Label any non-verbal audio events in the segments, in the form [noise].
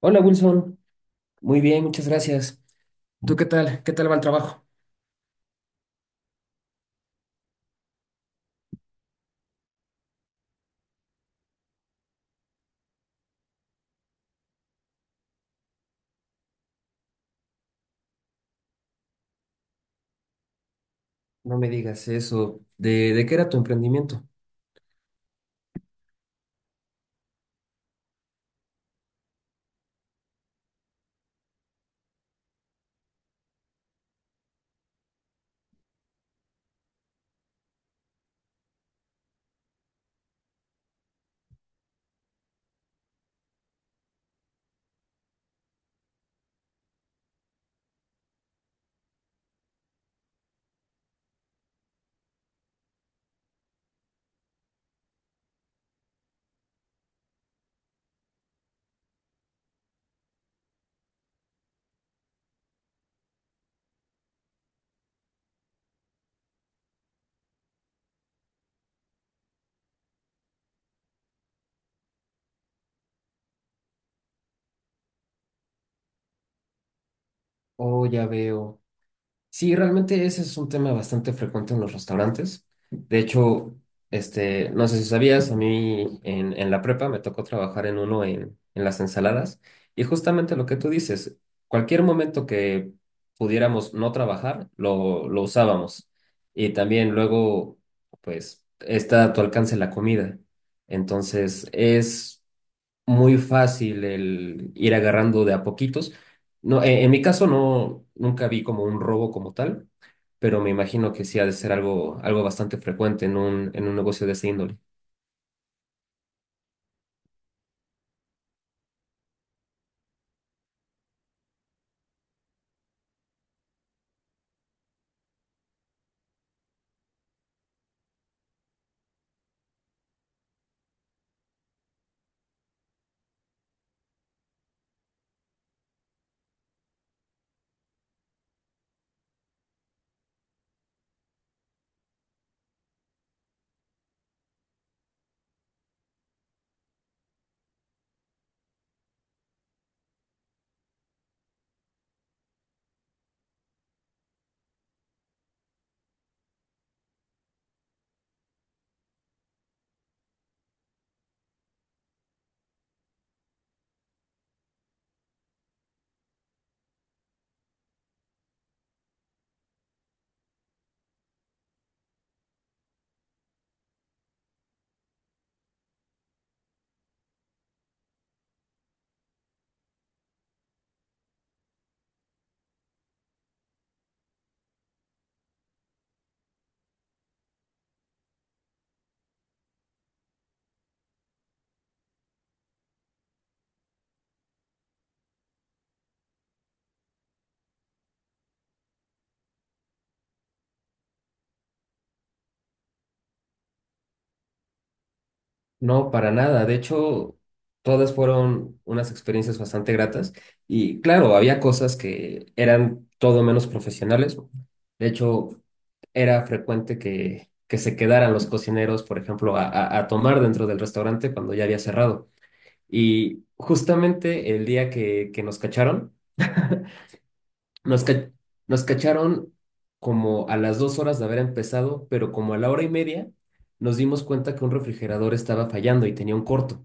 Hola Wilson, muy bien, muchas gracias. ¿Tú qué tal? ¿Qué tal va el trabajo? No me digas eso. ¿De qué era tu emprendimiento? Oh, ya veo. Sí, realmente ese es un tema bastante frecuente en los restaurantes. De hecho, este, no sé si sabías, a mí en la prepa me tocó trabajar en uno en las ensaladas y justamente lo que tú dices, cualquier momento que pudiéramos no trabajar, lo usábamos. Y también luego, pues, está a tu alcance la comida. Entonces, es muy fácil el ir agarrando de a poquitos. No, mi caso no, nunca vi como un robo como tal, pero me imagino que sí ha de ser algo, algo bastante frecuente en un negocio de esa índole. No, para nada. De hecho, todas fueron unas experiencias bastante gratas. Y claro, había cosas que eran todo menos profesionales. De hecho, era frecuente que se quedaran los cocineros, por ejemplo, a tomar dentro del restaurante cuando ya había cerrado. Y justamente el día que nos cacharon, [laughs] nos, ca- nos cacharon como a las 2 horas de haber empezado, pero como a la hora y media nos dimos cuenta que un refrigerador estaba fallando y tenía un corto.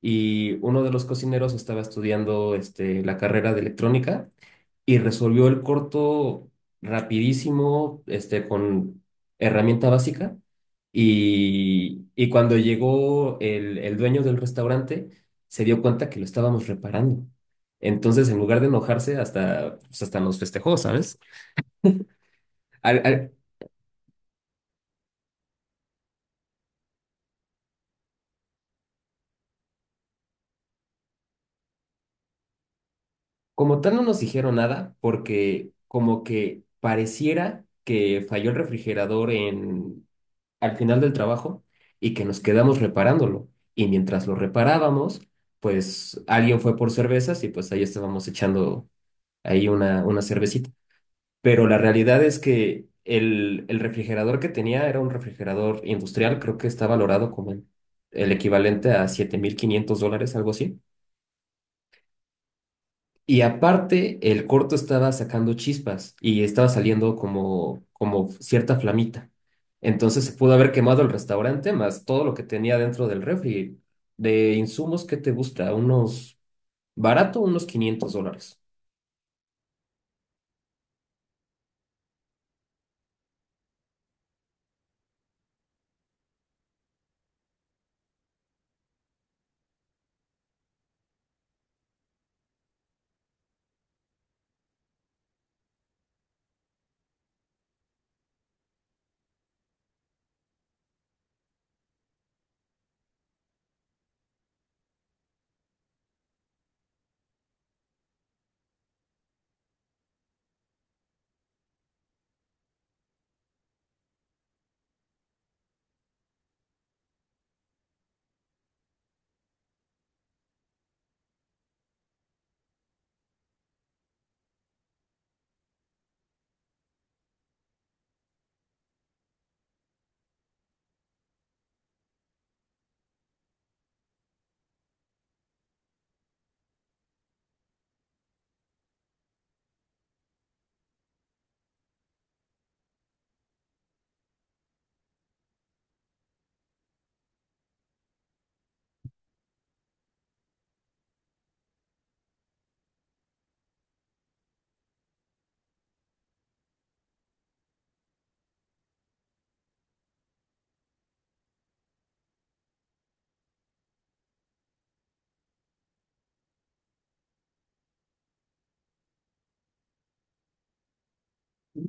Y uno de los cocineros estaba estudiando la carrera de electrónica y resolvió el corto rapidísimo, con herramienta básica. Y cuando llegó el dueño del restaurante, se dio cuenta que lo estábamos reparando. Entonces, en lugar de enojarse, hasta, pues, hasta nos festejó, ¿sabes? Al- al- Como tal, no nos dijeron nada porque como que pareciera que falló el refrigerador en, al final del trabajo y que nos quedamos reparándolo. Y mientras lo reparábamos, pues alguien fue por cervezas y pues ahí estábamos echando ahí una cervecita. Pero la realidad es que el refrigerador que tenía era un refrigerador industrial, creo que está valorado como el equivalente a $7500, algo así. Y aparte, el corto estaba sacando chispas y estaba saliendo como, como cierta flamita. Entonces se pudo haber quemado el restaurante, más todo lo que tenía dentro del refri. De insumos, ¿qué te gusta? Unos barato, unos $500.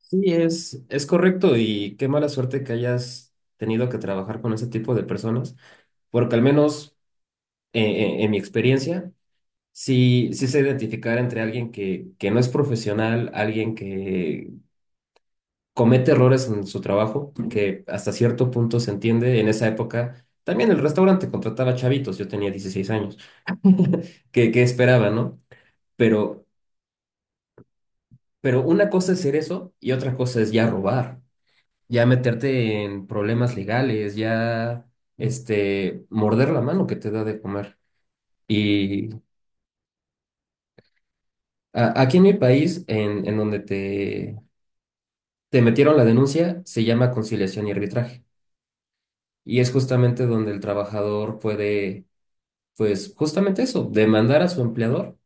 Sí, es correcto y qué mala suerte que hayas tenido que trabajar con ese tipo de personas, porque al menos en mi experiencia, sí sé identificar entre alguien que no es profesional, alguien que comete errores en su trabajo, que hasta cierto punto se entiende. En esa época, también el restaurante contrataba chavitos, yo tenía 16 años, [laughs] que esperaba, ¿no? Pero, pero una cosa es ser eso y otra cosa es ya robar, ya meterte en problemas legales, ya, morder la mano que te da de comer. Y aquí en mi país, en donde te metieron la denuncia, se llama conciliación y arbitraje. Y es justamente donde el trabajador puede pues justamente eso, demandar a su empleador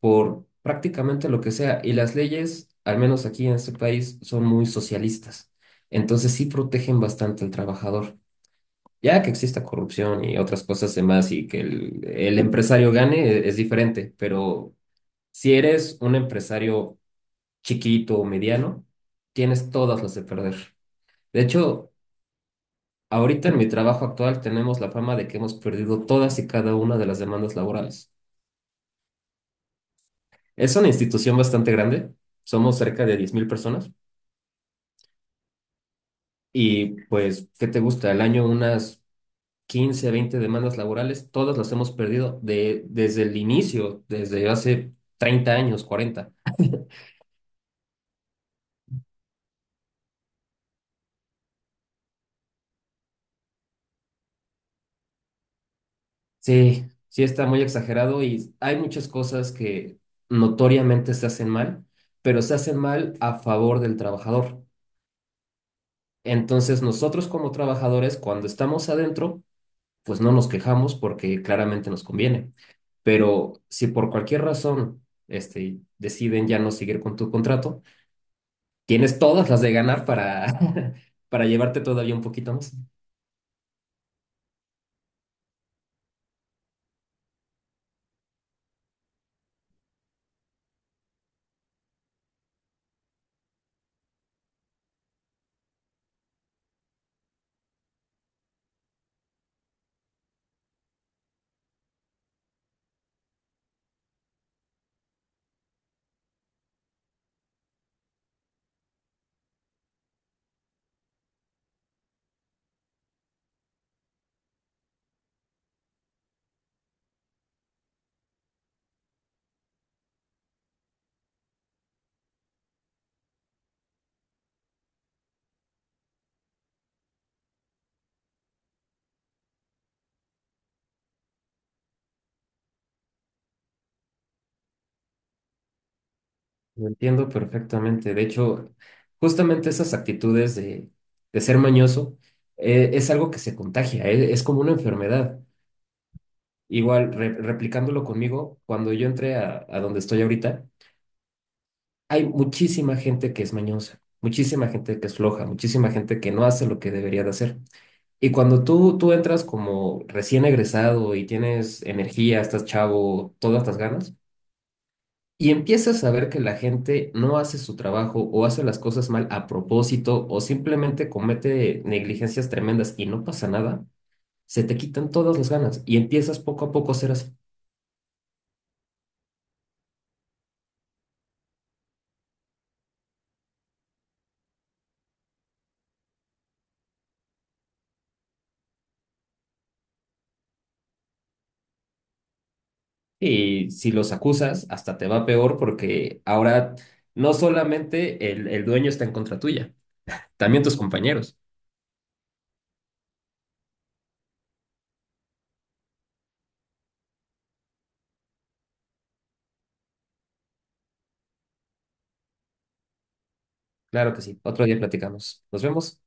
por prácticamente lo que sea. Y las leyes, al menos aquí en este país, son muy socialistas. Entonces sí protegen bastante al trabajador. Ya que exista corrupción y otras cosas demás y que el empresario gane es diferente, pero si eres un empresario chiquito o mediano, tienes todas las de perder. De hecho, ahorita en mi trabajo actual tenemos la fama de que hemos perdido todas y cada una de las demandas laborales. Es una institución bastante grande, somos cerca de 10000 personas y pues, ¿qué te gusta? Al año unas 15, 20 demandas laborales, todas las hemos perdido de, desde el inicio, desde hace 30 años, 40. Sí, sí está muy exagerado y hay muchas cosas que notoriamente se hacen mal, pero se hacen mal a favor del trabajador. Entonces, nosotros como trabajadores, cuando estamos adentro, pues no nos quejamos porque claramente nos conviene. Pero si por cualquier razón deciden ya no seguir con tu contrato, tienes todas las de ganar para, [laughs] para llevarte todavía un poquito más. Lo entiendo perfectamente. De hecho, justamente esas actitudes de ser mañoso es algo que se contagia, es como una enfermedad. Igual, replicándolo conmigo, cuando yo entré a donde estoy ahorita, hay muchísima gente que es mañosa, muchísima gente que es floja, muchísima gente que no hace lo que debería de hacer. Y cuando tú entras como recién egresado y tienes energía, estás chavo, todas las ganas, y empiezas a ver que la gente no hace su trabajo o hace las cosas mal a propósito o simplemente comete negligencias tremendas y no pasa nada, se te quitan todas las ganas y empiezas poco a poco a ser así. Y si los acusas, hasta te va peor porque ahora no solamente el dueño está en contra tuya, también tus compañeros. Claro que sí. Otro día platicamos. Nos vemos.